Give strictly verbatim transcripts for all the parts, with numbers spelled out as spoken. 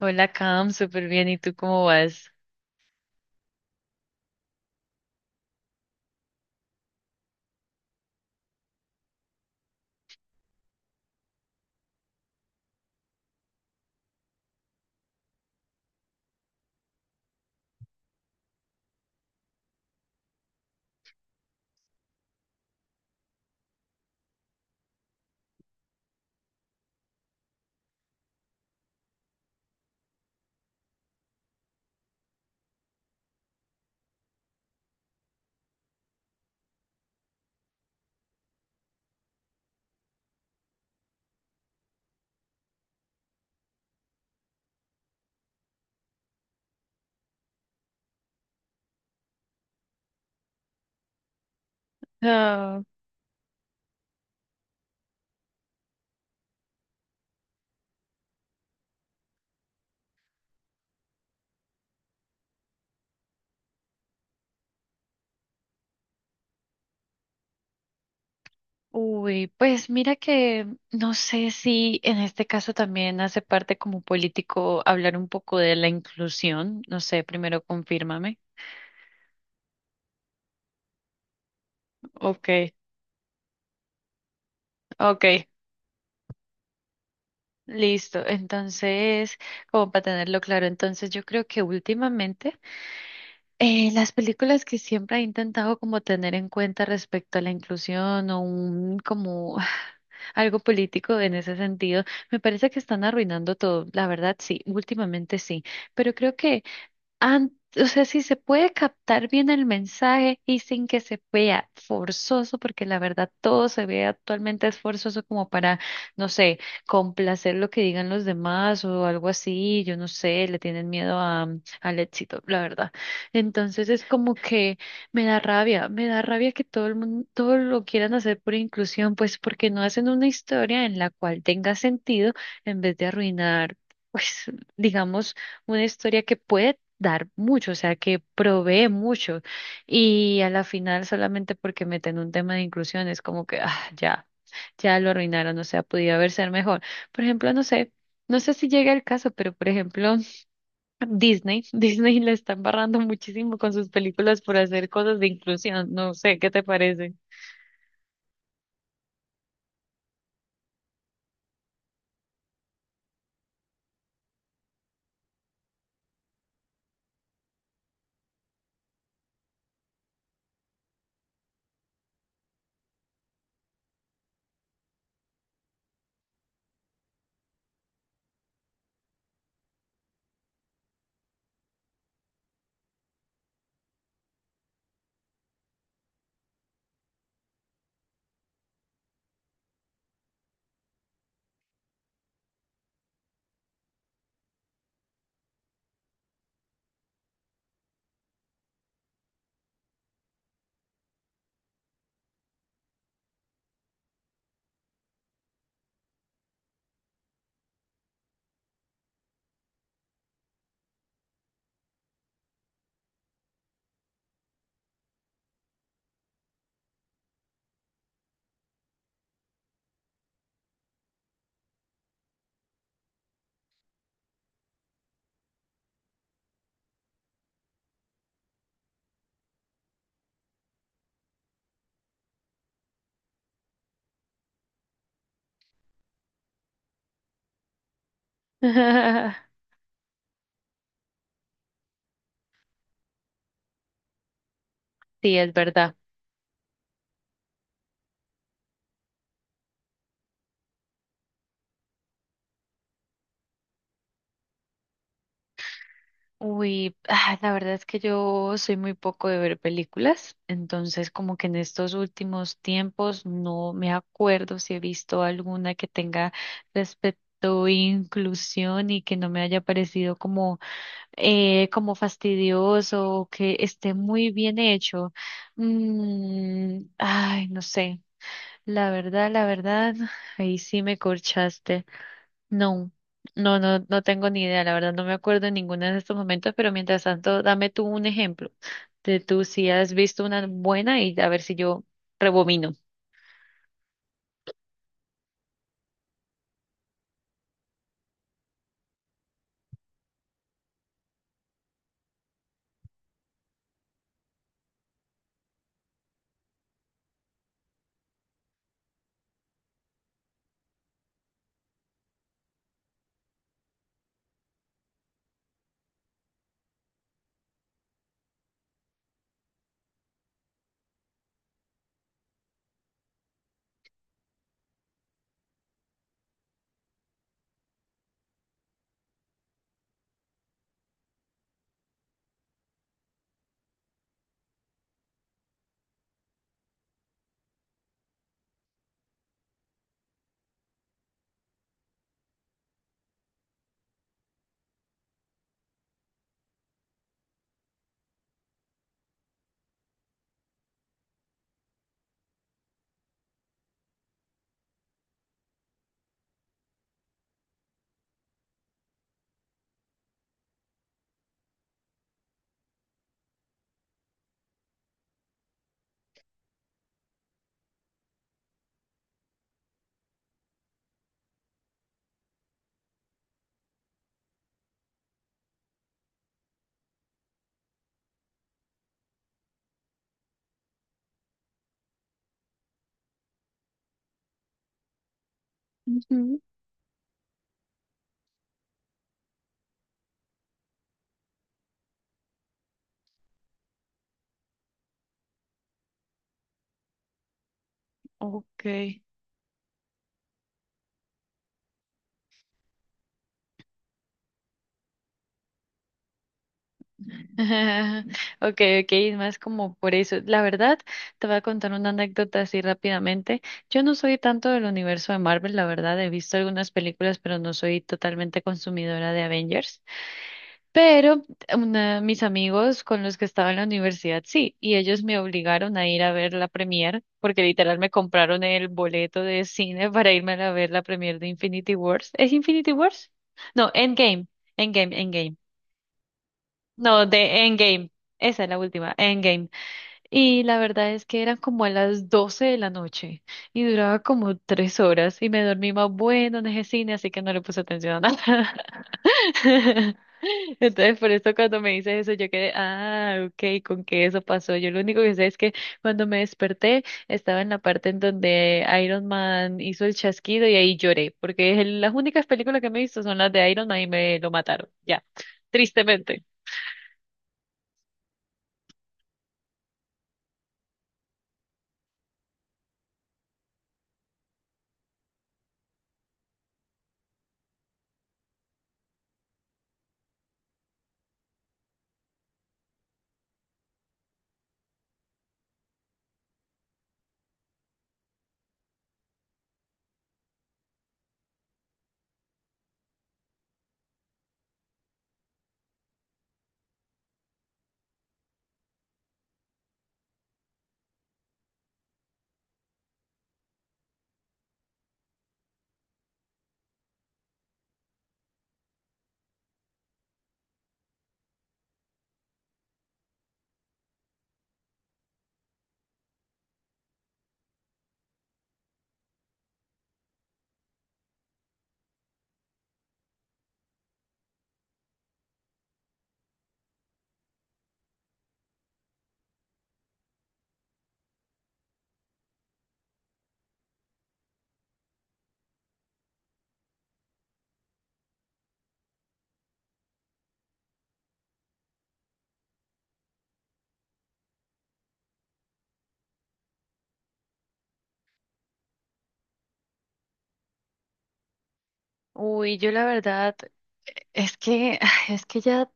Hola, Cam, súper bien. ¿Y tú cómo vas? Ah, uy, pues mira que no sé si en este caso también hace parte como político hablar un poco de la inclusión. No sé, primero confírmame. Ok, ok, listo. Entonces, como para tenerlo claro, entonces yo creo que últimamente Eh, las películas que siempre he intentado como tener en cuenta respecto a la inclusión o un como algo político en ese sentido, me parece que están arruinando todo. La verdad, sí, últimamente sí. Pero creo que an- o sea, si se puede captar bien el mensaje y sin que se vea forzoso, porque la verdad todo se ve actualmente es forzoso como para, no sé, complacer lo que digan los demás o algo así, yo no sé, le tienen miedo a, mm, al éxito, la verdad. Entonces es como que me da rabia, me da rabia que todo el mundo, todo lo quieran hacer por inclusión, pues porque no hacen una historia en la cual tenga sentido en vez de arruinar, pues, digamos, una historia que puede dar mucho, o sea, que provee mucho. Y a la final, solamente porque meten un tema de inclusión, es como que, ah, ya, ya lo arruinaron, o sea, podía haber ser mejor. Por ejemplo, no sé, no sé si llega el caso, pero por ejemplo, Disney, Disney le está embarrando muchísimo con sus películas por hacer cosas de inclusión, no sé, ¿qué te parece? Sí, es verdad. Uy, ah, la verdad es que yo soy muy poco de ver películas, entonces como que en estos últimos tiempos no me acuerdo si he visto alguna que tenga respecto a inclusión y que no me haya parecido como eh, como fastidioso o que esté muy bien hecho. Mm, ay, no sé. La verdad, la verdad, ahí sí me corchaste. No, no, no, no tengo ni idea, la verdad no me acuerdo en ninguno de estos momentos, pero mientras tanto, dame tú un ejemplo de tú si has visto una buena y a ver si yo rebobino. Ujú. Okay. Okay, okay, es más como por eso. La verdad, te voy a contar una anécdota así rápidamente. Yo no soy tanto del universo de Marvel, la verdad, he visto algunas películas, pero no soy totalmente consumidora de Avengers. Pero una, mis amigos con los que estaba en la universidad, sí, y ellos me obligaron a ir a ver la premier, porque literal me compraron el boleto de cine para irme a ver la premier de Infinity Wars. ¿Es Infinity Wars? No, Endgame, Endgame, Endgame. No, de Endgame. Esa es la última, Endgame. Y la verdad es que eran como a las doce de la noche y duraba como tres horas y me dormí más bueno en ese cine, así que no le puse atención a nada. Entonces, por eso cuando me dices eso, yo quedé, ah, ok, ¿con qué eso pasó? Yo lo único que sé es que cuando me desperté estaba en la parte en donde Iron Man hizo el chasquido y ahí lloré, porque es el- las únicas películas que me he visto son las de Iron Man y me lo mataron, ya, tristemente. Uy, yo la verdad es que es que ya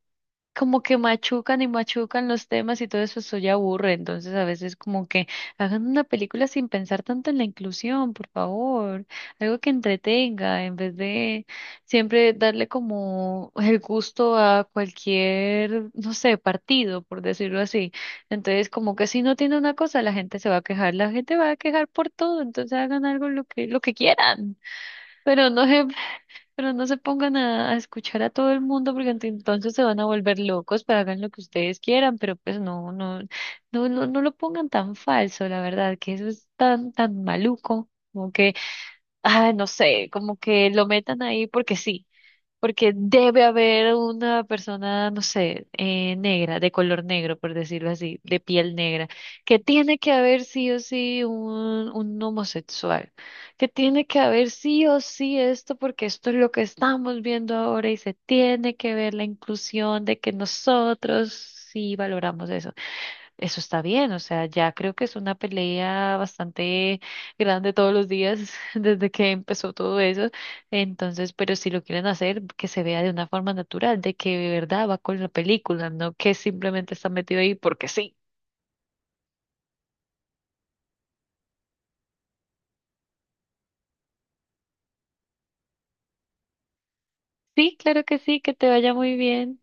como que machucan y machucan los temas y todo eso, eso ya aburre. Entonces, a veces como que hagan una película sin pensar tanto en la inclusión, por favor. Algo que entretenga, en vez de siempre darle como el gusto a cualquier, no sé, partido, por decirlo así. Entonces, como que si no tiene una cosa, la gente se va a quejar, la gente va a quejar por todo. Entonces, hagan algo lo que, lo que quieran. Pero no se pero no se pongan a, a escuchar a todo el mundo porque ent- entonces se van a volver locos, pues hagan lo que ustedes quieran, pero pues no, no, no, no, no lo pongan tan falso, la verdad, que eso es tan, tan maluco, como que, ah, no sé, como que lo metan ahí porque sí. Porque debe haber una persona, no sé, eh, negra, de color negro, por decirlo así, de piel negra, que tiene que haber sí o sí un, un homosexual, que tiene que haber sí o sí esto, porque esto es lo que estamos viendo ahora y se tiene que ver la inclusión de que nosotros sí valoramos eso. Eso está bien, o sea, ya creo que es una pelea bastante grande todos los días desde que empezó todo eso. Entonces, pero si lo quieren hacer, que se vea de una forma natural, de que de verdad va con la película, no que simplemente está metido ahí porque sí. Sí, claro que sí, que te vaya muy bien.